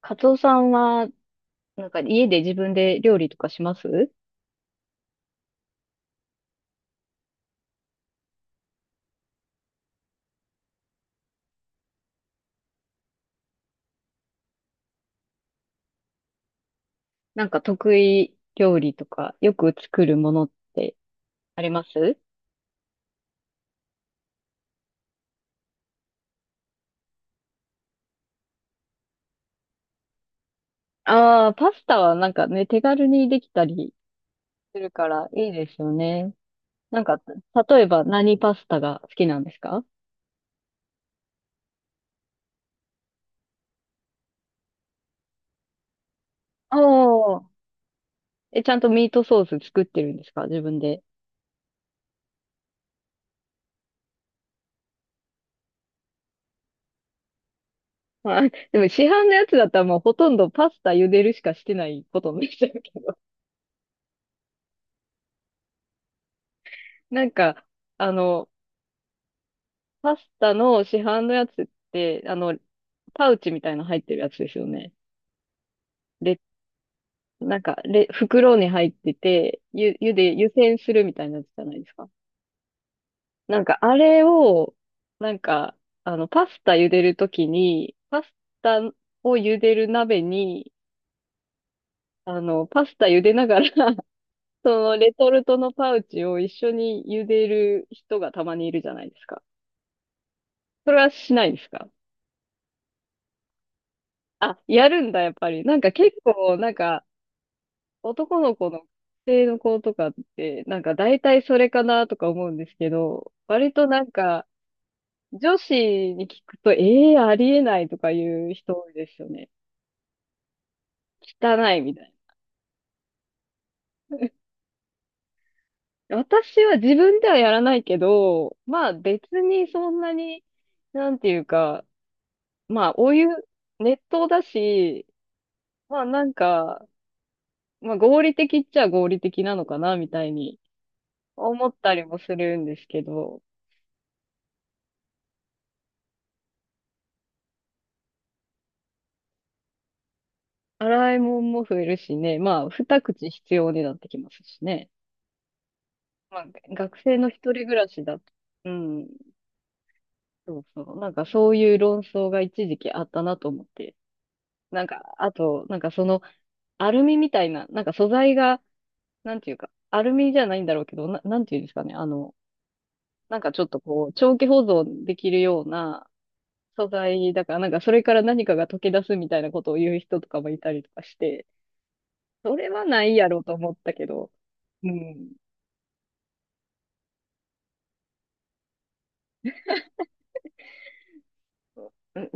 カツオさんは、なんか家で自分で料理とかします？なんか得意料理とか、よく作るものってあります？ああー、パスタはなんかね、手軽にできたりするからいいですよね。なんか、例えば何パスタが好きなんですか？ああ。え、ちゃんとミートソース作ってるんですか自分で。まあ、でも市販のやつだったらもうほとんどパスタ茹でるしかしてないことになっちゃうけど。なんか、あの、パスタの市販のやつって、パウチみたいなの入ってるやつですよね。で、なんか、袋に入ってて、ゆ、ゆで、湯煎するみたいなやつじゃないですか。なんか、あれを、なんか、パスタ茹でるときに、パスタを茹でる鍋に、パスタ茹でながら そのレトルトのパウチを一緒に茹でる人がたまにいるじゃないですか。それはしないですか？あ、やるんだ、やっぱり。なんか結構、なんか、男の子の学生の子とかって、なんか大体それかなとか思うんですけど、割となんか女子に聞くと、ええー、ありえないとか言う人多いですよね。汚いみたいな。私は自分ではやらないけど、まあ別にそんなに、なんていうか、まあお湯、熱湯だし、まあなんか、まあ合理的っちゃ合理的なのかなみたいに思ったりもするんですけど、洗い物も増えるしね、まあ、二口必要になってきますしね。まあ、学生の一人暮らしだと、うん、そうそう、なんかそういう論争が一時期あったなと思って。なんか、あと、なんかその、アルミみたいな、なんか素材が、なんていうか、アルミじゃないんだろうけど、なんていうんですかね、なんかちょっとこう、長期保存できるような素材だから、なんかそれから何かが溶け出すみたいなことを言う人とかもいたりとかして、それはないやろうと思ったけど、うん。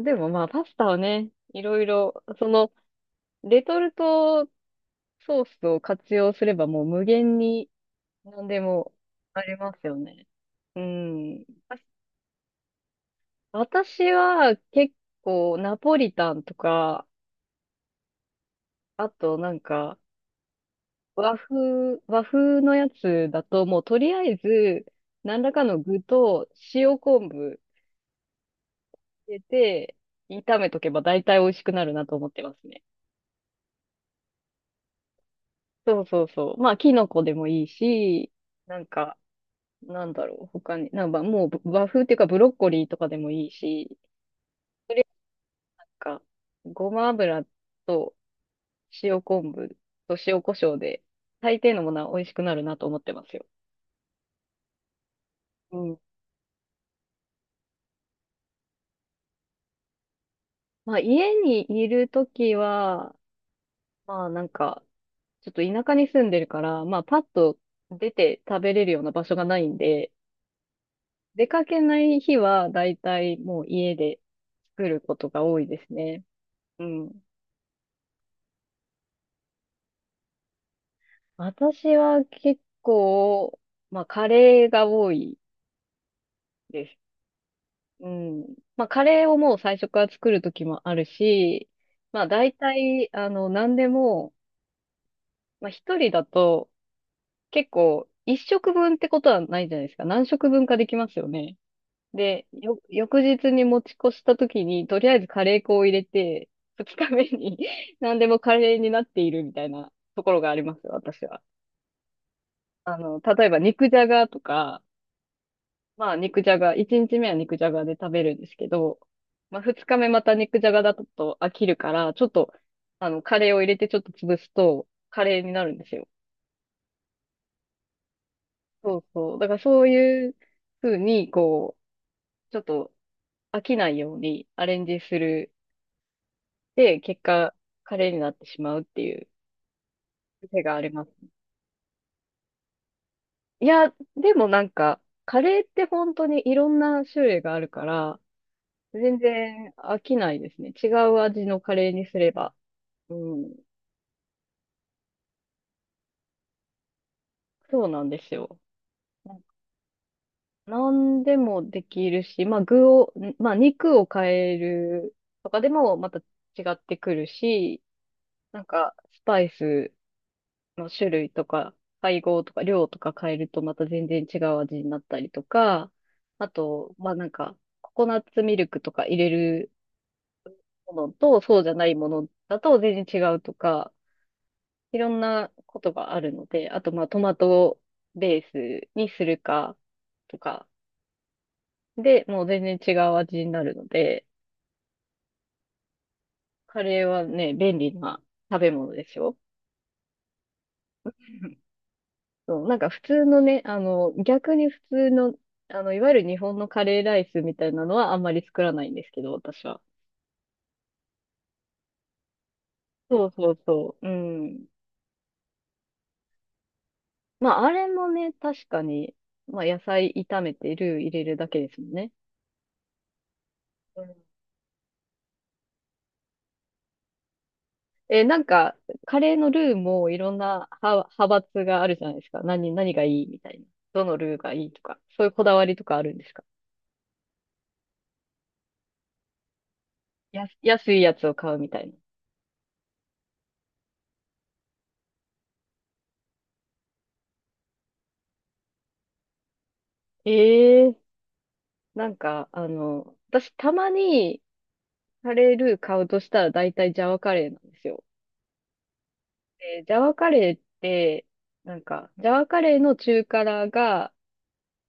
んでもまあ、パスタはね、いろいろ、その、レトルトソースを活用すればもう無限に何でもありますよね。うん。あ、私は結構ナポリタンとか、あとなんか和風のやつだともうとりあえず何らかの具と塩昆布入れて炒めとけば大体美味しくなるなと思ってますね。そうそうそう。まあ、キノコでもいいし、なんか、なんだろう、他に、なんかもう和風っていうかブロッコリーとかでもいいし、なんか、ごま油と塩昆布と塩コショウで、大抵のものは美味しくなるなと思ってますよ。うん。まあ、家にいるときは、まあ、なんか、ちょっと田舎に住んでるから、まあ、パッと出て食べれるような場所がないんで、出かけない日は、だいたいもう家で作ることが多いですね。うん。私は結構、まあ、カレーが多いです。うん。まあ、カレーをもう最初から作る時もあるし、まあ、大体、何でも、まあ、一人だと、結構、一食分ってことはないじゃないですか。何食分かできますよね。で、翌日に持ち越した時に、とりあえずカレー粉を入れて、二日目に 何でもカレーになっているみたいなところがありますよ、私は。例えば肉じゃがとか、まあ、肉じゃが、1日目は肉じゃがで食べるんですけど、まあ、2日目また肉じゃがだと飽きるから、ちょっと、カレーを入れてちょっと潰すと、カレーになるんですよ。そうそう。だからそういう風に、こう、ちょっと飽きないようにアレンジする。で、結果、カレーになってしまうっていう癖があります。いや、でもなんか、カレーって本当にいろんな種類があるから、全然飽きないですね。違う味のカレーにすれば。うん。そうなんですよ。なんか何でもできるし、まあ具を、んまあ肉を変えるとかでもまた違ってくるし、なんかスパイスの種類とか配合とか量とか変えるとまた全然違う味になったりとか、あと、まあなんかココナッツミルクとか入れるものとそうじゃないものだと全然違うとか、いろんなことがあるので、あとまあトマトベースにするか、とか、で、もう全然違う味になるので、カレーはね、便利な食べ物でしょ？そう、なんか普通のね、逆に普通の、いわゆる日本のカレーライスみたいなのはあんまり作らないんですけど、私は。そうそうそう。うん。まあ、あれもね、確かに、まあ、野菜炒めてルー入れるだけですもんね。うん。え、なんか、カレーのルーもいろんな派閥があるじゃないですか。何がいいみたいな。どのルーがいいとか。そういうこだわりとかあるんですか？安いやつを買うみたいな。ええ、なんか、私たまにカレールー買うとしたら大体ジャワカレーなんですよ。で、ジャワカレーって、なんか、ジャワカレーの中辛が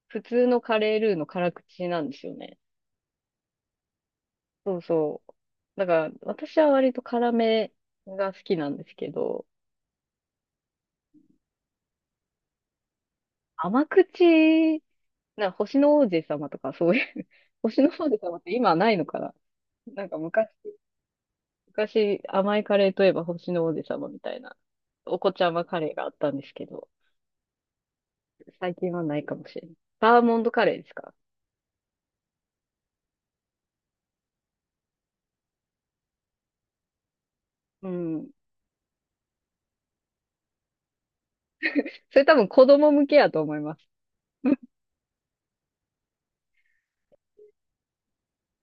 普通のカレールーの辛口なんですよね。そうそう。だから、私は割と辛めが好きなんですけど、甘口、なんか星の王子様とかそういう 星の王子様って今ないのかな？なんか昔、甘いカレーといえば星の王子様みたいな、お子ちゃまカレーがあったんですけど、最近はないかもしれない。バーモントカレーですか？うん。それ多分子供向けやと思います。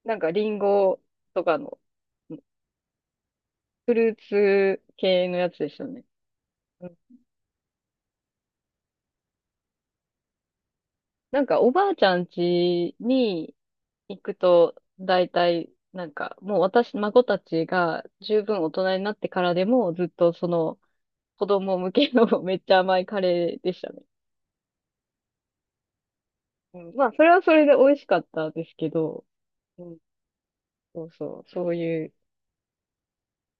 なんかリンゴとかの、フルーツ系のやつですよね。うん。なんかおばあちゃん家に行くと、大体、なんかもう私、孫たちが十分大人になってからでもずっとその子供向けの めっちゃ甘いカレーでしたね。うん、まあ、それはそれで美味しかったですけど、うん、そうそう、そういう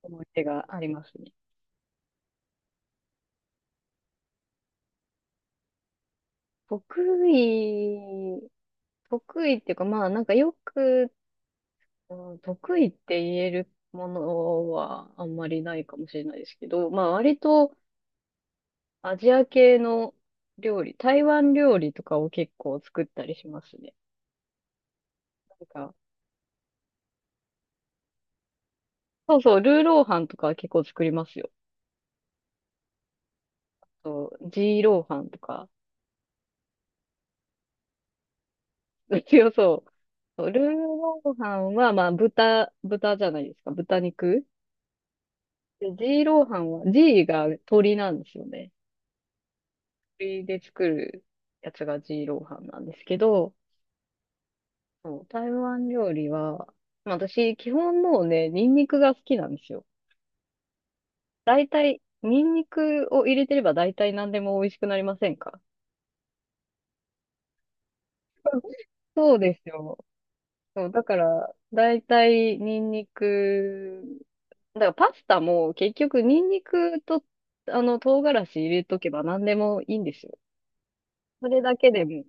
思い出がありますね。得意、得意っていうか、まあ、なんかよく、うん、得意って言えるものはあんまりないかもしれないですけど、まあ、割とアジア系の料理、台湾料理とかを結構作ったりしますね。なんか、そうそう、ルーローハンとかは結構作りますよ。そう、ジーローハンとか。強そう。そうルーローハンは、まあ、豚じゃないですか。豚肉。で、ジーローハンは、ジーが鶏なんですよね。鶏で作るやつがジーローハンなんですけど、そう台湾料理は、まあ私、基本もうね、ニンニクが好きなんですよ。大体、ニンニクを入れてれば大体何でも美味しくなりませんか？ そうですよ。そう、だから、だいたいニンニクだからパスタも結局ニンニクと、唐辛子入れとけば何でもいいんですよ。それだけでも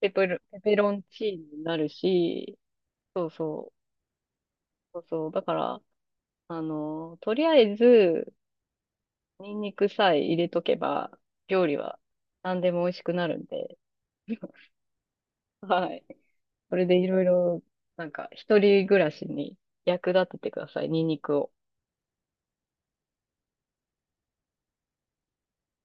ペペロンチーノになるし、そうそう、そうそう。だから、とりあえずニンニクさえ入れとけば料理は何でも美味しくなるんで、はい。それでいろいろ、なんか一人暮らしに役立ててください、ニンニクを。